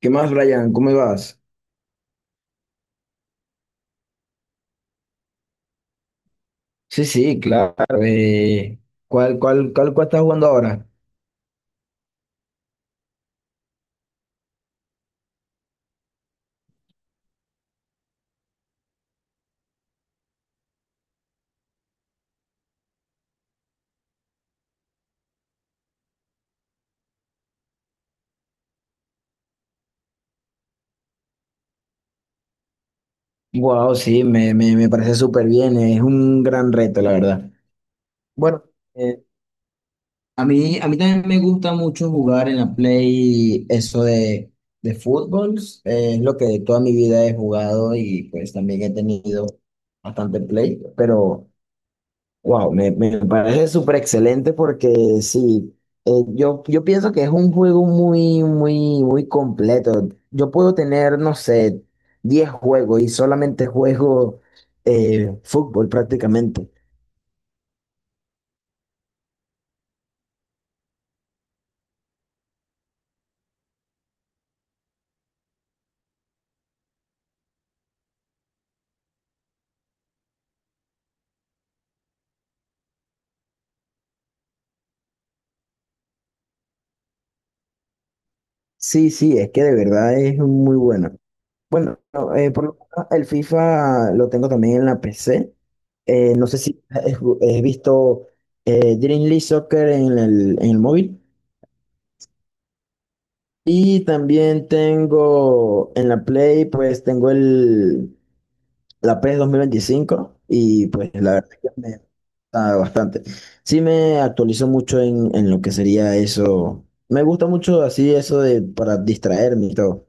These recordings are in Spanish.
¿Qué más, Brian? ¿Cómo vas? Sí, sí, claro. eh, ¿cuál estás jugando ahora? Wow, sí, me parece súper bien. Es un gran reto, la verdad. Bueno, eh, a mí también me gusta mucho jugar en la Play eso de fútbol. Es lo que toda mi vida he jugado y pues también he tenido bastante Play, pero... Wow, me parece súper excelente porque sí, yo pienso que es un juego muy completo. Yo puedo tener, no sé, 10 juegos y solamente juego fútbol prácticamente. Sí, sí, es que de verdad es muy bueno. Bueno, no, por lo menos el FIFA lo tengo también en la PC. No sé si has visto Dream League Soccer en el móvil. Y también tengo en la Play, pues tengo el, la PES 2025 y pues la verdad que me gusta bastante. Sí me actualizo mucho en lo que sería eso. Me gusta mucho así eso de para distraerme y todo.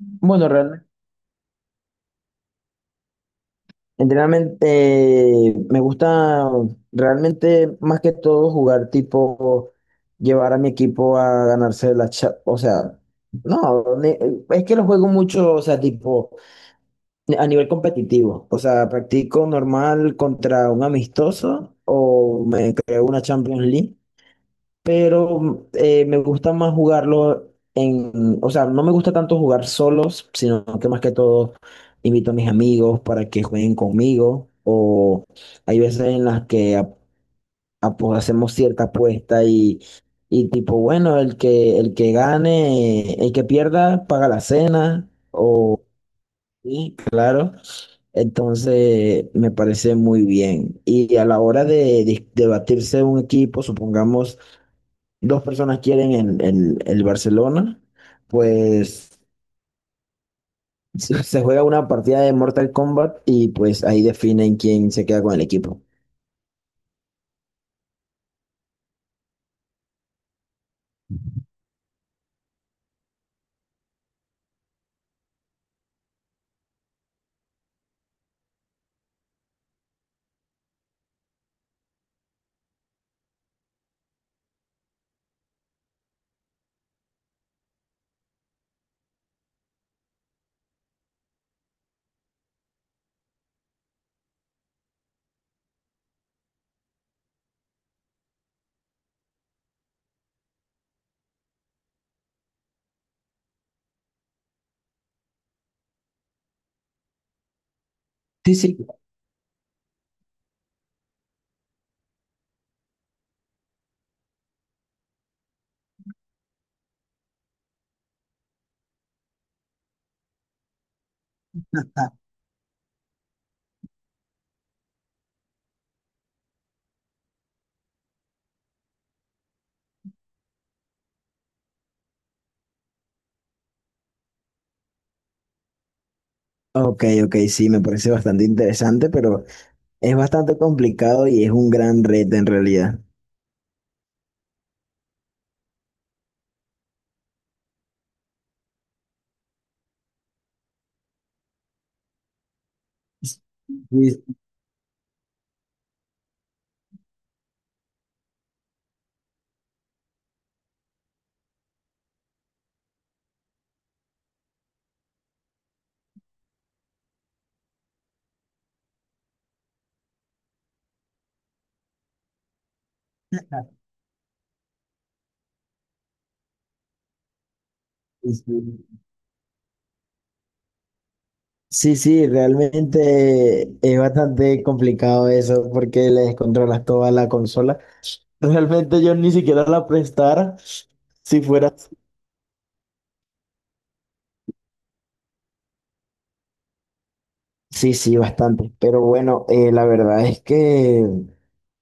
Bueno, realmente, me gusta realmente más que todo jugar tipo, llevar a mi equipo a ganarse la cha- o sea, no, ne- es que lo juego mucho, o sea, tipo... A nivel competitivo, o sea, practico normal contra un amistoso o me creo una Champions League, pero me gusta más jugarlo en, o sea, no me gusta tanto jugar solos, sino que más que todo invito a mis amigos para que jueguen conmigo o hay veces en las que ap- apo- hacemos cierta apuesta y tipo, bueno, el que gane, el que pierda paga la cena o, sí, claro. Entonces, me parece muy bien. Y a la hora de dis- debatirse un equipo, supongamos dos personas quieren el Barcelona, pues se juega una partida de Mortal Kombat y pues ahí definen quién se queda con el equipo. Sí, sí. Ah, ok, ok, sí, me parece bastante interesante, pero es bastante complicado y es un gran reto en realidad. Sí, sí, sí. Sí, sí, realmente es bastante complicado eso porque le descontrolas toda la consola. Realmente yo ni siquiera la prestara si fuera... así. Sí, sí, bastante. Pero bueno, la verdad es que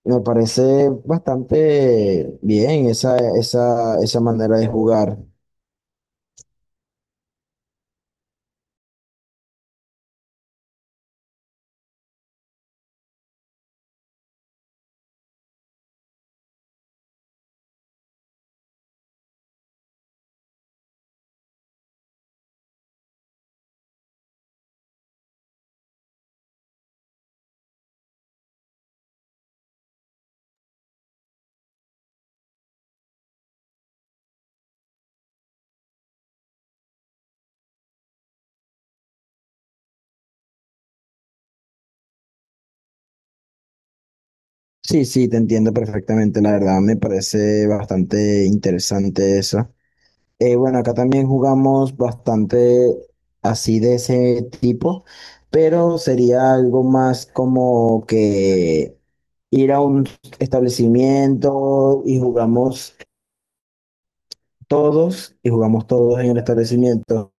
me parece bastante bien esa manera de jugar. Sí, sí, te entiendo perfectamente, la verdad me parece bastante interesante eso. Bueno, acá también jugamos bastante así de ese tipo, pero sería algo más como que ir a un establecimiento y jugamos todos en el establecimiento.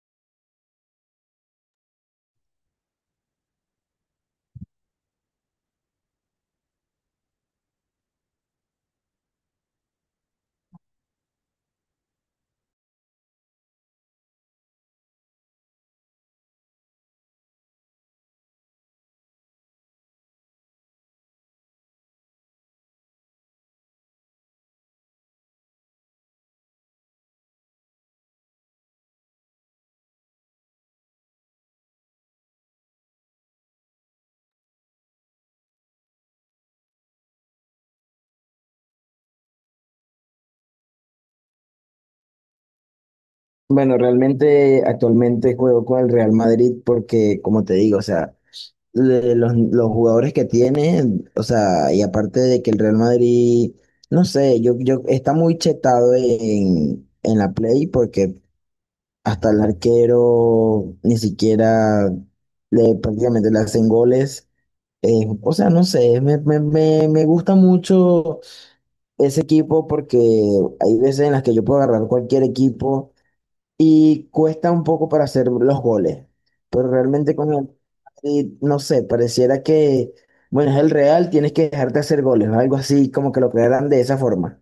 Bueno, realmente actualmente juego con el Real Madrid porque, como te digo, o sea, le- los jugadores que tiene, o sea, y aparte de que el Real Madrid, no sé, yo está muy chetado en la play porque hasta el arquero ni siquiera le prácticamente le hacen goles. O sea, no sé, me gusta mucho ese equipo porque hay veces en las que yo puedo agarrar cualquier equipo y cuesta un poco para hacer los goles. Pero realmente con el Madrid, no sé, pareciera que, bueno, es el Real, tienes que dejarte hacer goles, ¿no? Algo así, como que lo crearan de esa forma.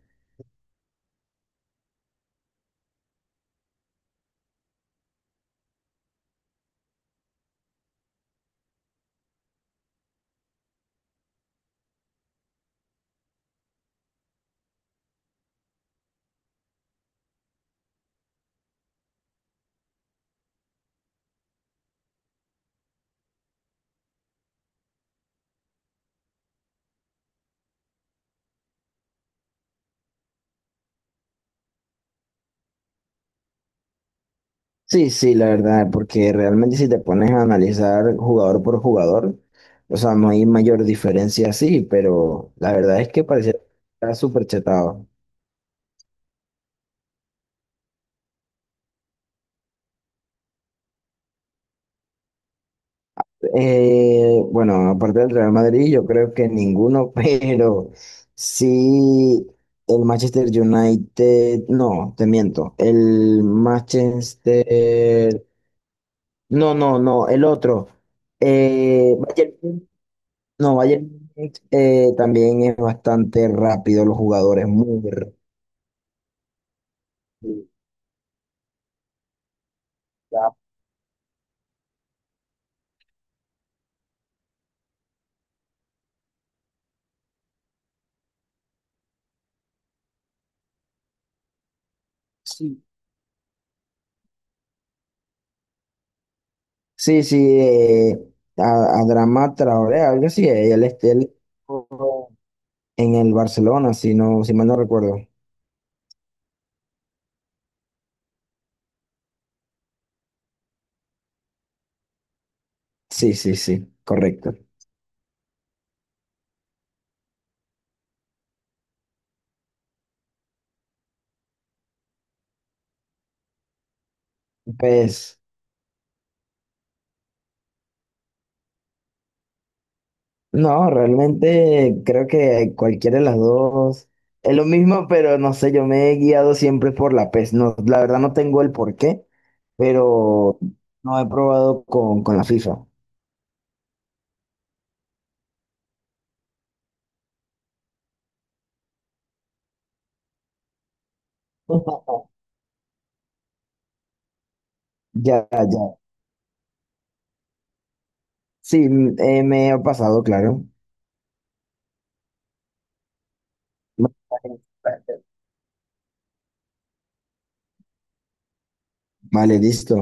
Sí, sí, la verdad, porque realmente si te pones a analizar jugador por jugador, o sea, no hay mayor diferencia así, pero la verdad es que pareciera que está súper chetado. Bueno, aparte del Real Madrid, yo creo que ninguno, pero sí el Manchester United, no, te miento, el Manchester, no, no, no, el otro, Bayern, no, Bayern, también es bastante rápido, los jugadores muy rápido. Sí, sí, sí, a Adama Traoré, algo así, él, este, él, en el Barcelona, si no, si mal no recuerdo. Sí, sí, sí, correcto. Pues no, realmente creo que cualquiera de las dos es lo mismo, pero no sé, yo me he guiado siempre por la PES. No, la verdad no tengo el porqué, pero no he probado con la FIFA. Ya, ya. Sí, m- me ha pasado, claro. Vale, listo.